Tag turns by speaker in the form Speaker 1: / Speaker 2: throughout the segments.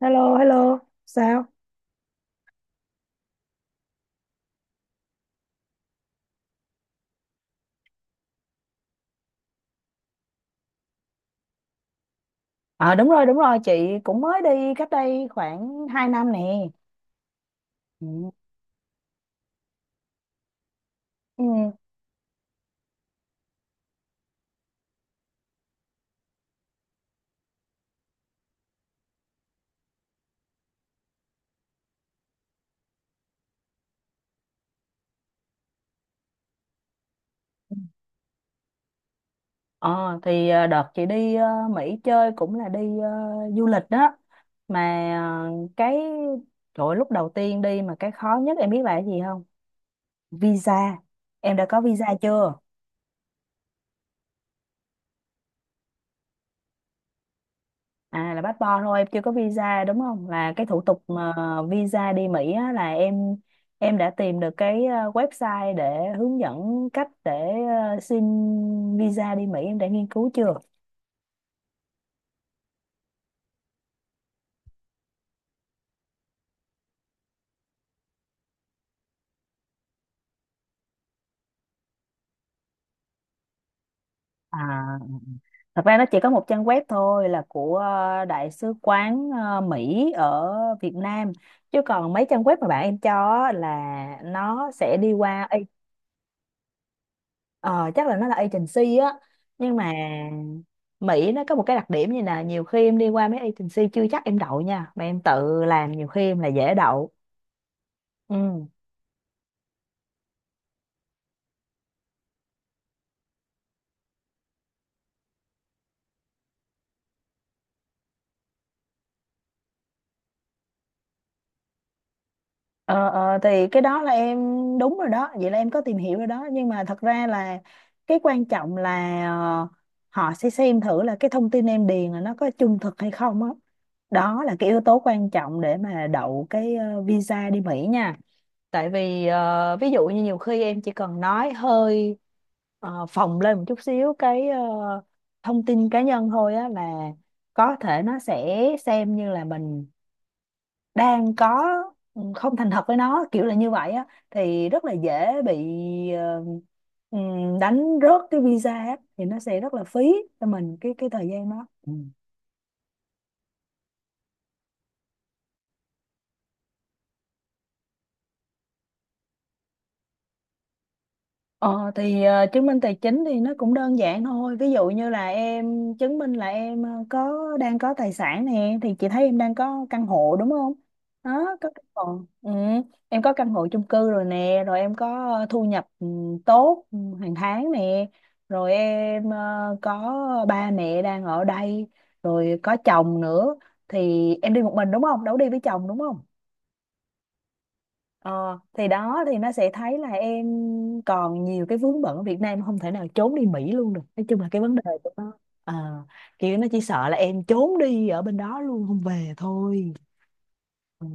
Speaker 1: Hello, hello, sao? Ờ đúng rồi, đúng rồi, chị cũng mới đi cách đây khoảng 2 năm nè ừ. Ừ, đợt chị đi Mỹ chơi cũng là đi du lịch đó. Mà ờ, cái trời ơi, lúc đầu tiên đi mà cái khó nhất em biết là cái gì không? Visa. Em đã có visa chưa? À, là passport thôi, em chưa có visa đúng không? Là cái thủ tục mà visa đi Mỹ á, là em đã tìm được cái website để hướng dẫn cách để xin visa đi Mỹ, em đã nghiên cứu chưa? À, thật ra nó chỉ có một trang web thôi, là của Đại sứ quán Mỹ ở Việt Nam, chứ còn mấy trang web mà bạn em cho á là nó sẽ đi qua. Ờ, chắc là nó là agency á, nhưng mà Mỹ nó có một cái đặc điểm, như là nhiều khi em đi qua mấy agency chưa chắc em đậu nha, mà em tự làm nhiều khi em là dễ đậu. Ừ. Ờ, thì cái đó là em đúng rồi đó, vậy là em có tìm hiểu rồi đó. Nhưng mà thật ra là cái quan trọng là họ sẽ xem thử là cái thông tin em điền là nó có trung thực hay không á, đó là cái yếu tố quan trọng để mà đậu cái visa đi Mỹ nha. Tại vì ví dụ như nhiều khi em chỉ cần nói hơi phồng lên một chút xíu cái thông tin cá nhân thôi á, là có thể nó sẽ xem như là mình đang có không thành thật với nó, kiểu là như vậy á, thì rất là dễ bị ờ, ừ, đánh rớt cái visa á, thì nó sẽ rất là phí cho mình cái thời gian đó. Ừ. Ờ thì chứng minh tài chính thì nó cũng đơn giản thôi. Ví dụ như là em chứng minh là em có đang có tài sản nè, thì chị thấy em đang có căn hộ đúng không? Đó, có căn hộ. Ừ, em có căn hộ chung cư rồi nè, rồi em có thu nhập tốt hàng tháng nè, rồi em có ba mẹ đang ở đây, rồi có chồng nữa, thì em đi một mình đúng không? Đâu có đi với chồng đúng không? Ờ, thì đó, thì nó sẽ thấy là em còn nhiều cái vướng bận ở Việt Nam, không thể nào trốn đi Mỹ luôn được. Nói chung là cái vấn đề của nó ờ, kiểu nó chỉ sợ là em trốn đi ở bên đó luôn không về thôi. Ừ.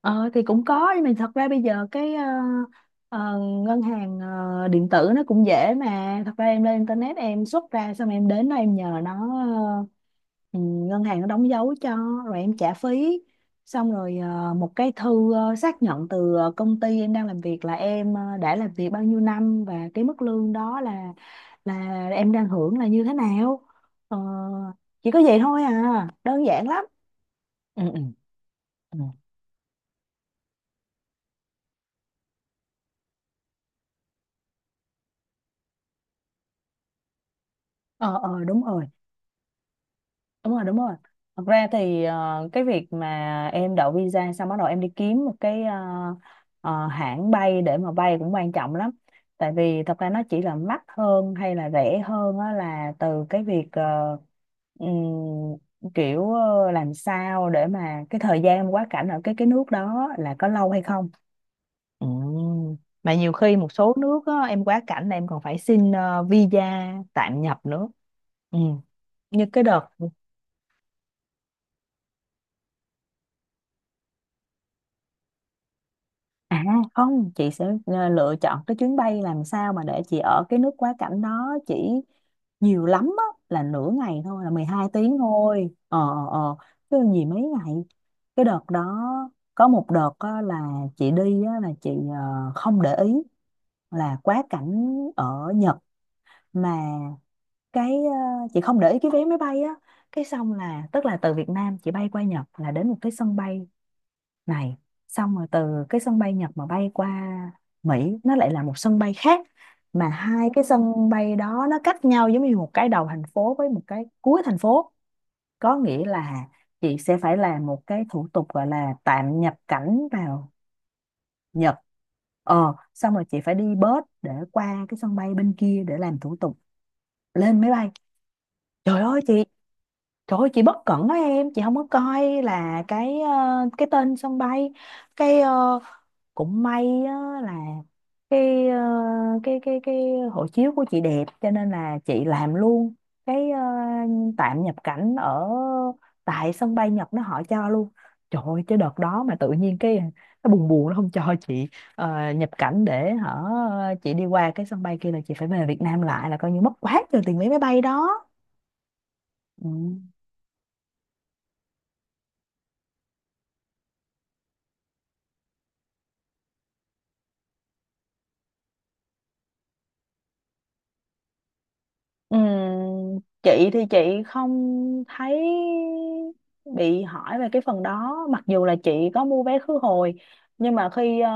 Speaker 1: Ờ thì cũng có, nhưng mà thật ra bây giờ cái ờ, ngân hàng điện tử nó cũng dễ mà, thật ra em lên internet em xuất ra xong em đến đó em nhờ nó ờ, ngân hàng nó đóng dấu cho, rồi em trả phí, xong rồi một cái thư xác nhận từ công ty em đang làm việc, là em đã làm việc bao nhiêu năm và cái mức lương đó là là em đang hưởng là như thế nào. Ờ, chỉ có vậy thôi à, đơn giản lắm. Ừ ừ ừ. Ờ Đúng rồi, đúng rồi. Thật ra thì cái việc mà em đậu visa xong bắt đầu em đi kiếm một cái hãng bay để mà bay cũng quan trọng lắm. Tại vì thật ra nó chỉ là mắc hơn hay là rẻ hơn á, là từ cái việc làm sao để mà cái thời gian quá cảnh ở cái nước đó là có lâu hay không. Ừ. Mà nhiều khi một số nước á, em quá cảnh là em còn phải xin visa tạm nhập nữa. Ừ. Như cái đợt à, không, chị sẽ lựa chọn cái chuyến bay làm sao mà để chị ở cái nước quá cảnh đó chỉ nhiều lắm á, là nửa ngày thôi, là 12 tiếng thôi. Ờ. Chứ gì mấy ngày. Cái đợt đó, có một đợt á, là chị đi á, là chị không để ý là quá cảnh ở Nhật, mà cái chị không để ý cái vé máy bay á. Cái xong là, tức là từ Việt Nam chị bay qua Nhật là đến một cái sân bay này, xong rồi từ cái sân bay Nhật mà bay qua Mỹ nó lại là một sân bay khác, mà hai cái sân bay đó nó cách nhau giống như một cái đầu thành phố với một cái cuối thành phố. Có nghĩa là chị sẽ phải làm một cái thủ tục gọi là tạm nhập cảnh vào Nhật. Xong rồi chị phải đi bus để qua cái sân bay bên kia để làm thủ tục lên máy bay. trời ơi chị Trời ơi, chị bất cẩn đó em, chị không có coi là cái cái tên sân bay. cái ờ, Cũng may á là cái ờ, cái hộ chiếu của chị đẹp, cho nên là chị làm luôn cái tạm nhập cảnh ở tại sân bay Nhật, nó họ cho luôn. Trời ơi, chứ đợt đó mà tự nhiên cái nó buồn buồn nó không cho chị nhập cảnh để hả chị đi qua cái sân bay kia, là chị phải về Việt Nam lại, là coi như mất quá trời tiền vé máy bay đó. Ừ. Ừm, chị thì chị không thấy bị hỏi về cái phần đó, mặc dù là chị có mua vé khứ hồi. Nhưng mà khi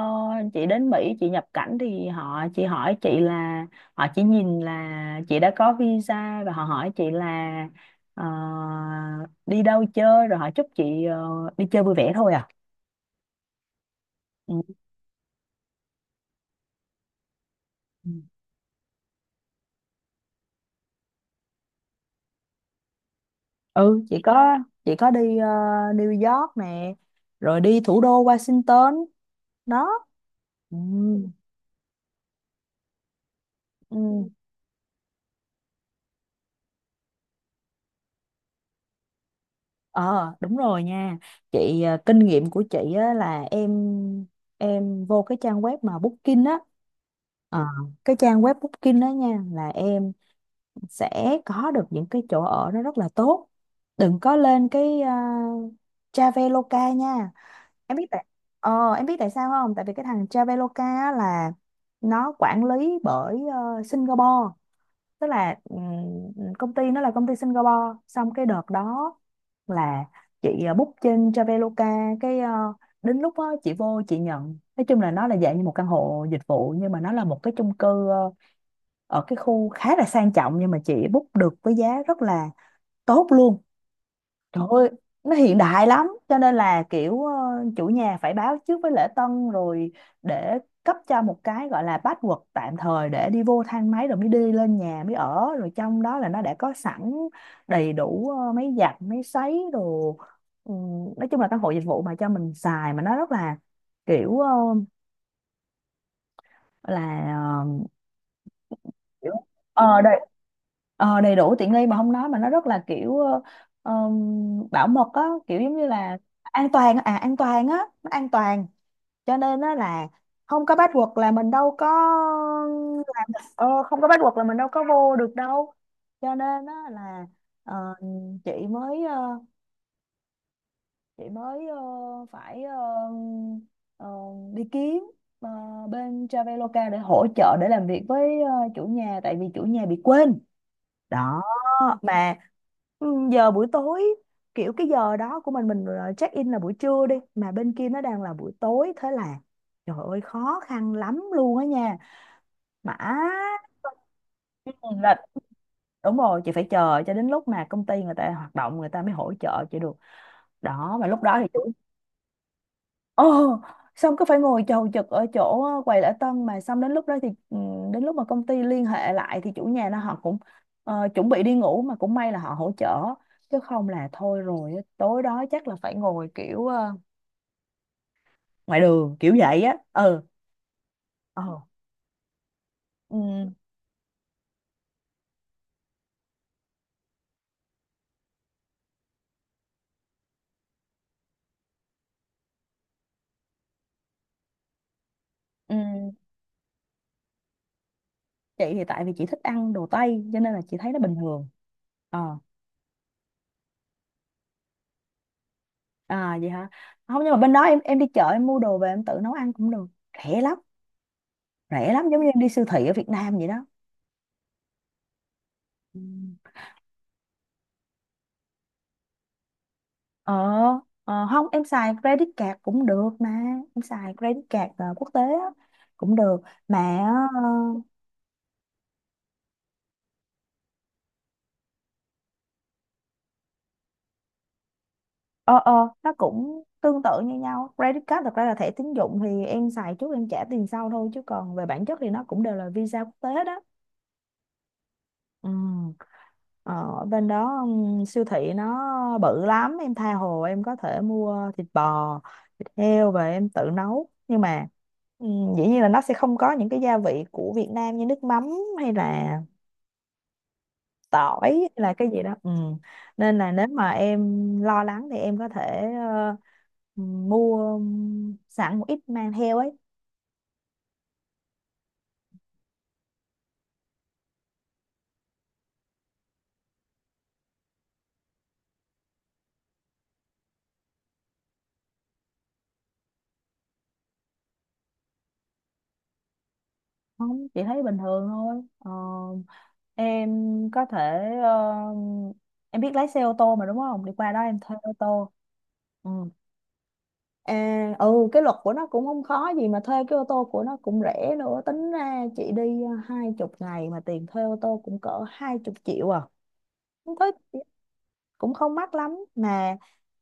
Speaker 1: chị đến Mỹ chị nhập cảnh thì họ chị hỏi chị là họ chỉ nhìn là chị đã có visa, và họ hỏi chị là ờ, đi đâu chơi, rồi họ chúc chị đi chơi vui vẻ thôi à. ừ Ừ. Ừ, chị có đi New York nè, rồi đi thủ đô Washington đó. Ừ. Ừ. Ờ đúng rồi nha, chị à, kinh nghiệm của chị á, là em vô cái trang web mà Booking á. Ờ, cái trang web Booking đó nha, là em sẽ có được những cái chỗ ở nó rất là tốt. Đừng có lên cái Traveloka nha. Em biết tại em biết tại sao không? Tại vì cái thằng Traveloka á là nó quản lý bởi Singapore, tức là công ty nó là công ty Singapore. Xong cái đợt đó là chị book trên Traveloka, cái đến lúc đó, chị vô chị nhận, nói chung là nó là dạng như một căn hộ dịch vụ, nhưng mà nó là một cái chung cư ở cái khu khá là sang trọng, nhưng mà chị book được với giá rất là tốt luôn. Trời ơi, nó hiện đại lắm, cho nên là kiểu chủ nhà phải báo trước với lễ tân rồi để cấp cho một cái gọi là password tạm thời để đi vô thang máy rồi mới đi lên nhà mới ở. Rồi trong đó là nó đã có sẵn đầy đủ máy giặt máy sấy đồ. Ừ, nói chung là căn hộ dịch vụ mà cho mình xài, mà nó rất là kiểu ờ, là ờ, kiểu ờ đầy ờ, đầy đủ tiện nghi. Mà không nói, mà nó rất là bảo mật á, kiểu giống như là an toàn á, à an toàn á, nó an toàn. Cho nên á là không có password là mình đâu có không có password là mình đâu có vô được đâu. Cho nên á là ờ, chị mới ờ, chị mới ờ, phải ờ, ờ, đi kiếm ờ, bên Traveloka để hỗ trợ để làm việc với chủ nhà, tại vì chủ nhà bị quên đó. Mà giờ buổi tối, kiểu cái giờ đó của mình mình check in là buổi trưa đi, mà bên kia nó đang là buổi tối, thế là trời ơi khó khăn lắm luôn á nha. Mà ừ, là đúng rồi, chị phải chờ cho đến lúc mà công ty người ta hoạt động người ta mới hỗ trợ chị được đó. Mà lúc đó thì ờ, xong cứ phải ngồi chầu chực ở chỗ quầy lễ tân. Mà xong đến lúc đó thì đến lúc mà công ty liên hệ lại thì chủ nhà nó họ cũng chuẩn bị đi ngủ, mà cũng may là họ hỗ trợ, chứ không là thôi rồi á, tối đó chắc là phải ngồi kiểu ngoài đường kiểu vậy á. Ừ ờ ừ, ừ. Chị thì tại vì chị thích ăn đồ Tây cho nên là chị thấy nó bình thường. ờ À vậy hả? Không, nhưng mà bên đó em đi chợ em mua đồ về em tự nấu ăn cũng được, rẻ lắm, rẻ lắm, giống như em đi siêu thị ở Việt Nam vậy đó. ờ ờ, không em xài credit card cũng được mà, em xài credit card quốc tế á, cũng được mà. ờ ờ nó cũng tương tự như nhau, credit card thật ra là thẻ tín dụng thì em xài trước em trả tiền sau thôi, chứ còn về bản chất thì nó cũng đều là visa quốc tế đó. Ừ. Ờ, ở bên đó siêu thị nó bự lắm, em tha hồ, em có thể mua thịt bò thịt heo về em tự nấu. Nhưng mà dĩ nhiên là nó sẽ không có những cái gia vị của Việt Nam như nước mắm, hay là tỏi, hay là cái gì đó. Ừ. Nên là nếu mà em lo lắng thì em có thể mua sẵn một ít mang theo ấy. Không, chị thấy bình thường thôi. Ờ, em có thể em biết lái xe ô tô mà đúng không, đi qua đó em thuê ô tô. Ừ. À, ừ, cái luật của nó cũng không khó gì mà, thuê cái ô tô của nó cũng rẻ nữa. Tính ra chị đi 20 ngày mà tiền thuê ô tô cũng cỡ 20 triệu à, không thích cũng không mắc lắm mà.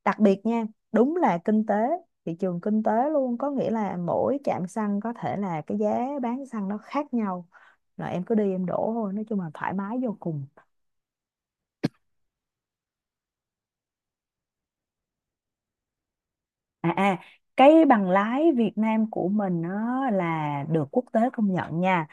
Speaker 1: Đặc biệt nha, đúng là kinh tế thị trường kinh tế luôn, có nghĩa là mỗi trạm xăng có thể là cái giá bán xăng nó khác nhau, rồi em cứ đi em đổ thôi, nói chung là thoải mái vô cùng. À, cái bằng lái Việt Nam của mình nó là được quốc tế công nhận nha.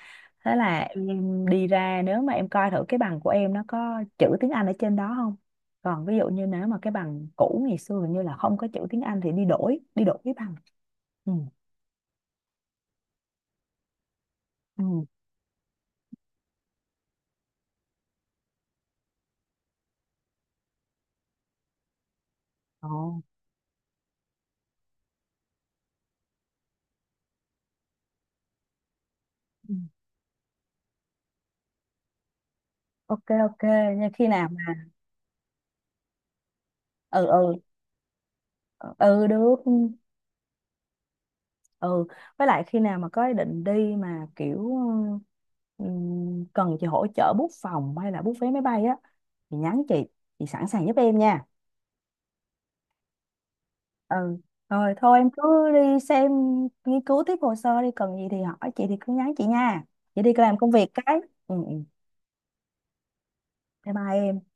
Speaker 1: Thế là em đi ra nếu mà em coi thử cái bằng của em nó có chữ tiếng Anh ở trên đó không? Còn ví dụ như nếu mà cái bằng cũ ngày xưa hình như là không có chữ tiếng Anh thì đi đổi cái bằng. Ừ. Ừ. Ồ. Ừ. Ok, ok nha, khi nào mà ừ ừ ừ được. ừ với lại khi nào mà có ý định đi mà kiểu cần chị hỗ trợ book phòng hay là book vé máy bay á, thì nhắn chị sẵn sàng giúp em nha. Ừ, rồi thôi em cứ đi xem, nghiên cứu tiếp hồ sơ đi, cần gì thì hỏi chị thì cứ nhắn chị nha, chị đi làm công việc cái ừ, ừ. Bye bye em.